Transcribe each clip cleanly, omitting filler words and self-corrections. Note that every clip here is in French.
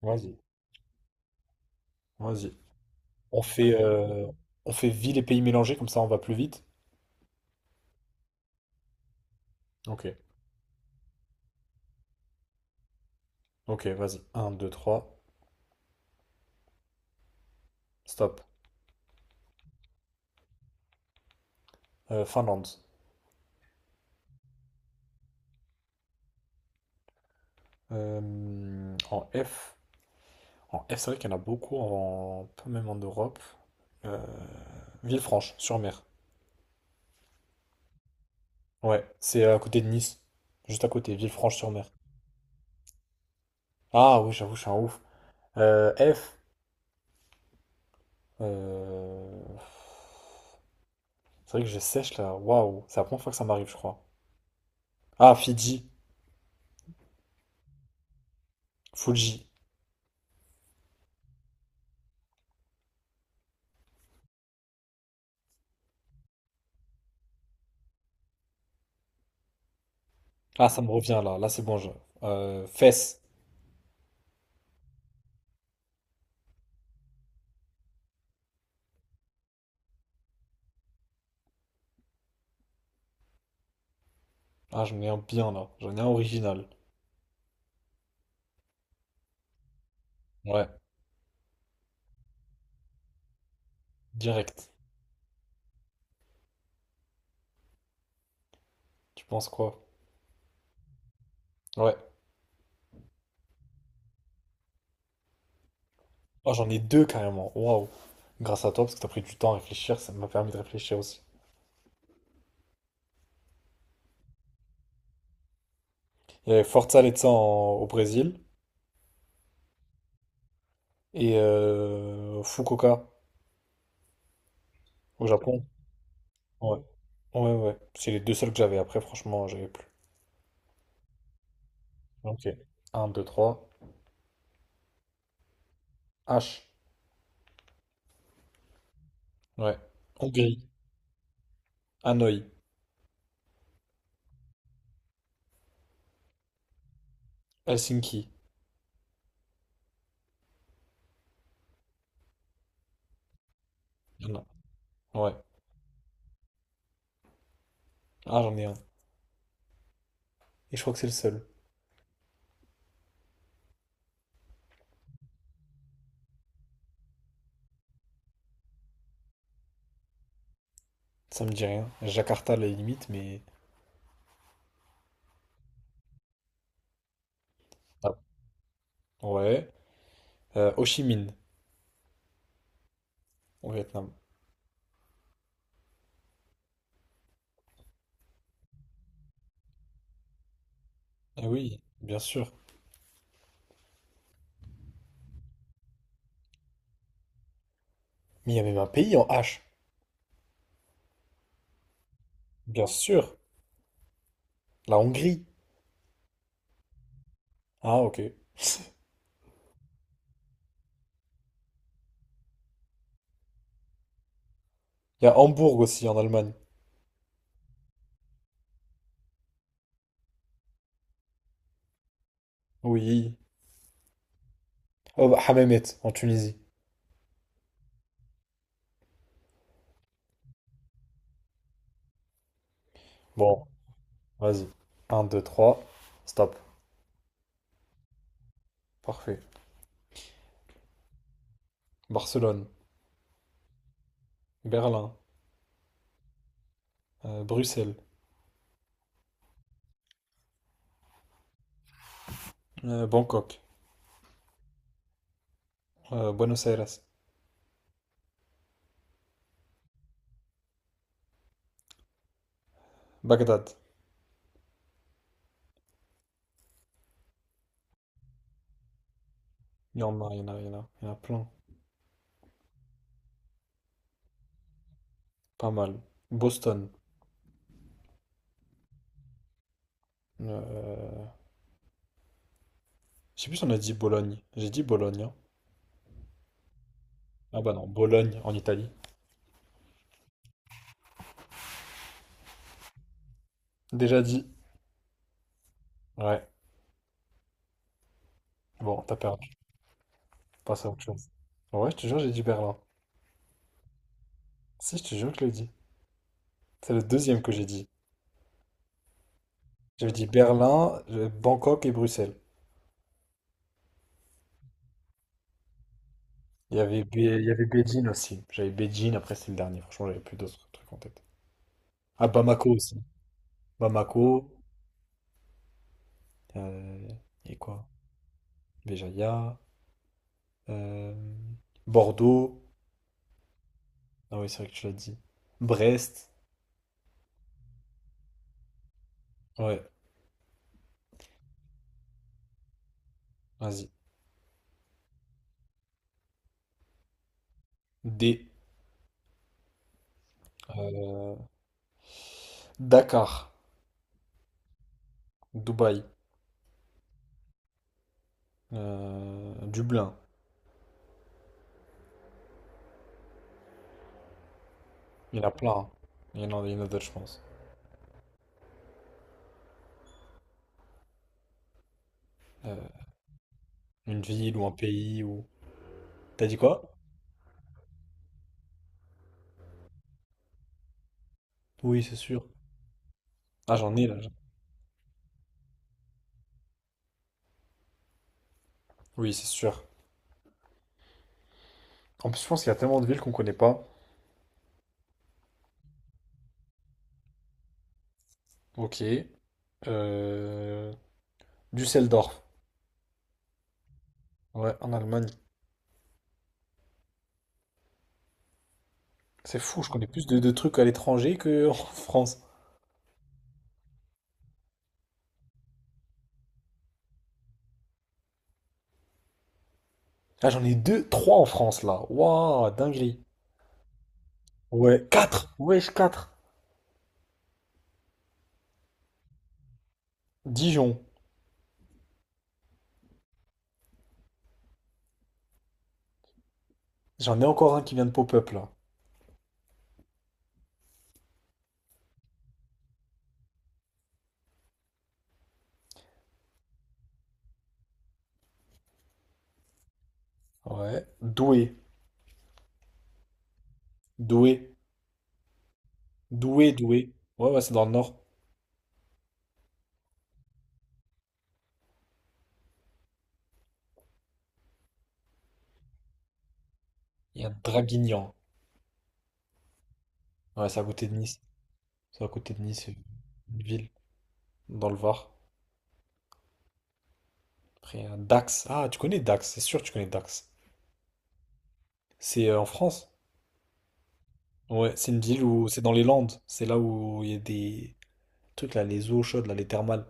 Vas-y, vas-y. On fait, euh, on fait ville et pays mélangés, comme ça on va plus vite. Ok, ok, vas-y. Un, 2, 3, stop. Finlande. En F. En F, c'est vrai qu'il y en a beaucoup, pas même en Europe. Euh, Villefranche-sur-Mer. Ouais, c'est à côté de Nice. Juste à côté, Villefranche-sur-Mer. Ah oui, j'avoue, je suis un ouf. F. euh, C'est vrai que je sèche là. Waouh, c'est la première fois que ça m'arrive, je crois. Ah, Fidji. Fuji. Ah, ça me revient là. Là, c'est bon. Fesses. Ah, j'en ai un bien là. J'en ai un original. Ouais, direct. Tu penses quoi? Ouais. Oh, j'en ai deux carrément. Waouh. Grâce à toi, parce que t'as pris du temps à réfléchir. Ça m'a permis de réfléchir aussi. Il y avait Forza Let's au Brésil et Fukuoka au Japon. Ouais. Ouais, ouais. C'est les deux seuls que j'avais. Après, franchement, j'avais plus. Ok. Un, 2, 3. H. Ouais. Hongrie. Hanoï. Helsinki. Il y en a. Ouais. Ah, j'en ai un. Et je crois que c'est le seul. Ça me dit rien. Jakarta, à la limite, mais. Ah, ouais. Ho Chi Minh, au Vietnam. Ah oui, bien sûr. Mais il y a même un pays en H. Bien sûr. La Hongrie. Ah, ok. Il y a Hambourg aussi, en Allemagne. Oui. Oh, bah, Hammamet, en Tunisie. Bon, vas-y. Un, 2, 3. Stop. Parfait. Barcelone. Berlin. Bruxelles. Bangkok. Buenos Aires. Bagdad. Il y en a, il y en a, il y en a, il y en a plein. Pas mal. Boston. euh, Je sais plus si on a dit Bologne. J'ai dit Bologne, hein. Ah bah non, Bologne en Italie. Déjà dit. Ouais, bon, t'as perdu. Passe à autre chose. Ouais, je te jure, j'ai dit Berlin. Si, je te jure que je l'ai dit. C'est le deuxième que j'ai dit. J'avais dit Berlin, Bangkok et Bruxelles. Il y avait Beijing aussi. J'avais Beijing, après c'est le dernier. Franchement, j'avais plus d'autres trucs en tête. Ah, Bamako aussi. Bamako, euh, et quoi? Béjaïa, euh, Bordeaux. Ah oui, c'est vrai que tu l'as dit. Brest. Ouais, vas-y. D. euh, Dakar, Dubaï, Dublin, il y en a plein, hein. Il y en a, il y en a d'autres, je pense. Euh, une ville ou un pays. T'as dit quoi? Oui, c'est sûr. Ah, j'en ai là. Oui, c'est sûr. En plus, je pense qu'il y a tellement de villes qu'on connaît pas. Ok. Euh... Düsseldorf. Ouais, en Allemagne. C'est fou, je connais plus de trucs à l'étranger que en France. Ah, j'en ai deux, trois en France là. Waouh, dinguerie. Ouais, quatre. Wesh, quatre. Dijon. J'en ai encore un qui vient de pop-up là. Ouais. Douai. Douai. Doué, Doué. Ouais, ouais, c'est dans le nord. Il y a Draguignan. Ouais, c'est à côté de Nice. C'est à côté de Nice, c'est une ville dans le Var. Après, il y a Dax. Ah, tu connais Dax, c'est sûr que tu connais Dax. C'est en France. Ouais, c'est une ville où c'est dans les Landes. C'est là où il y a des trucs là, les eaux chaudes, là, les thermales.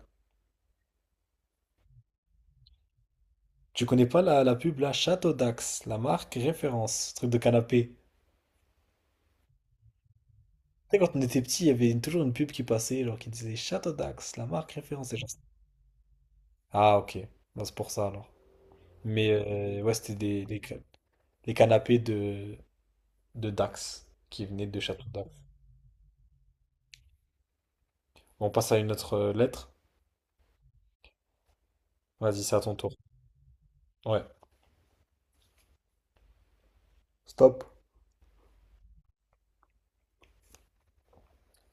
Tu connais pas la pub là, Château Dax, la marque référence, truc de canapé. Tu sais, quand on était petit, il y avait toujours une pub qui passait, genre qui disait Château Dax, la marque référence. Ah, ok. Bah, c'est pour ça alors. Mais ouais, c'était des canapés de Dax qui venaient de Château d'If. On passe à une autre lettre. Vas-y, c'est à ton tour. Ouais. Stop.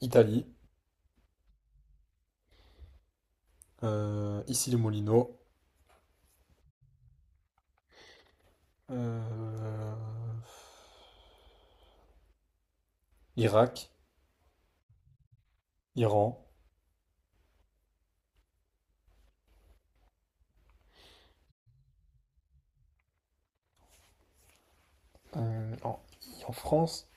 Italie. Ici les Moulineaux. Euh, Irak. Iran. Euh, en, en France.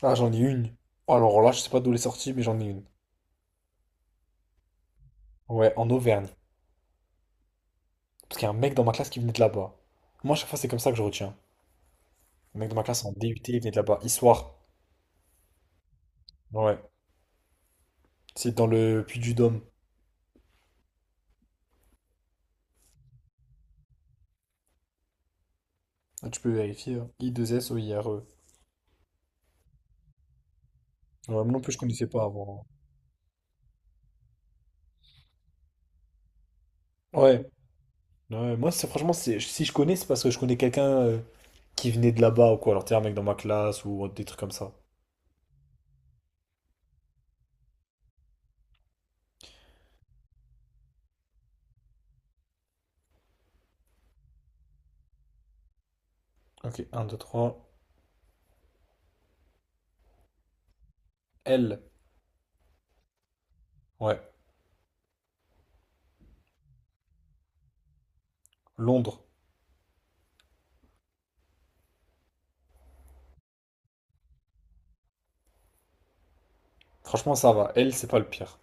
Ah, j'en ai une. Alors là, je sais pas d'où elle est sortie, mais j'en ai une. Ouais, en Auvergne. Parce qu'il y a un mec dans ma classe qui venait de là-bas. Moi, à chaque fois, c'est comme ça que je retiens. Le mec de ma classe en DUT, il venait de là-bas. Histoire. Ouais. C'est dans le Puy-du-Dôme. Ah, tu peux vérifier, hein. Issoire. Ouais, moi non plus, je connaissais pas avant. Ouais. Ouais, moi, franchement, si je connais, c'est parce que je connais quelqu'un qui venait de là-bas ou quoi. Alors, t'es un mec dans ma classe ou des trucs comme ça. Ok, un deux trois. L. Ouais. Londres. Franchement, ça va. L, c'est pas le pire.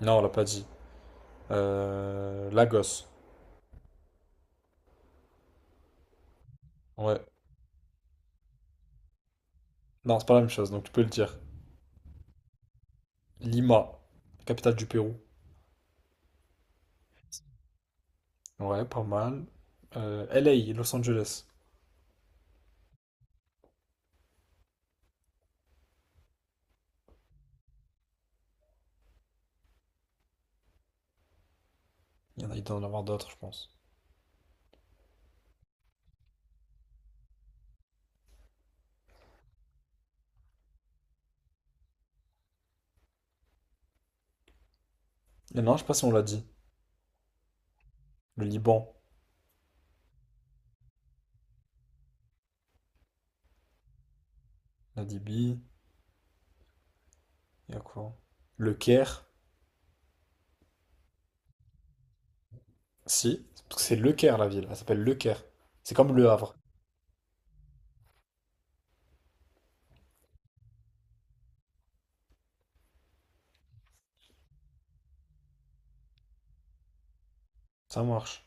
Non, on l'a pas dit. Lagos. Ouais. Non, c'est pas la même chose, donc tu peux le dire. Lima, capitale du Pérou. Ouais, pas mal. LA Los Angeles. Il y en a, il doit en avoir d'autres, je pense. Et non, je sais pas si on l'a dit. Le Liban, la Libye, il y a quoi? Le Caire, si, parce que c'est Le Caire la ville, elle s'appelle Le Caire. C'est comme Le Havre, ça marche.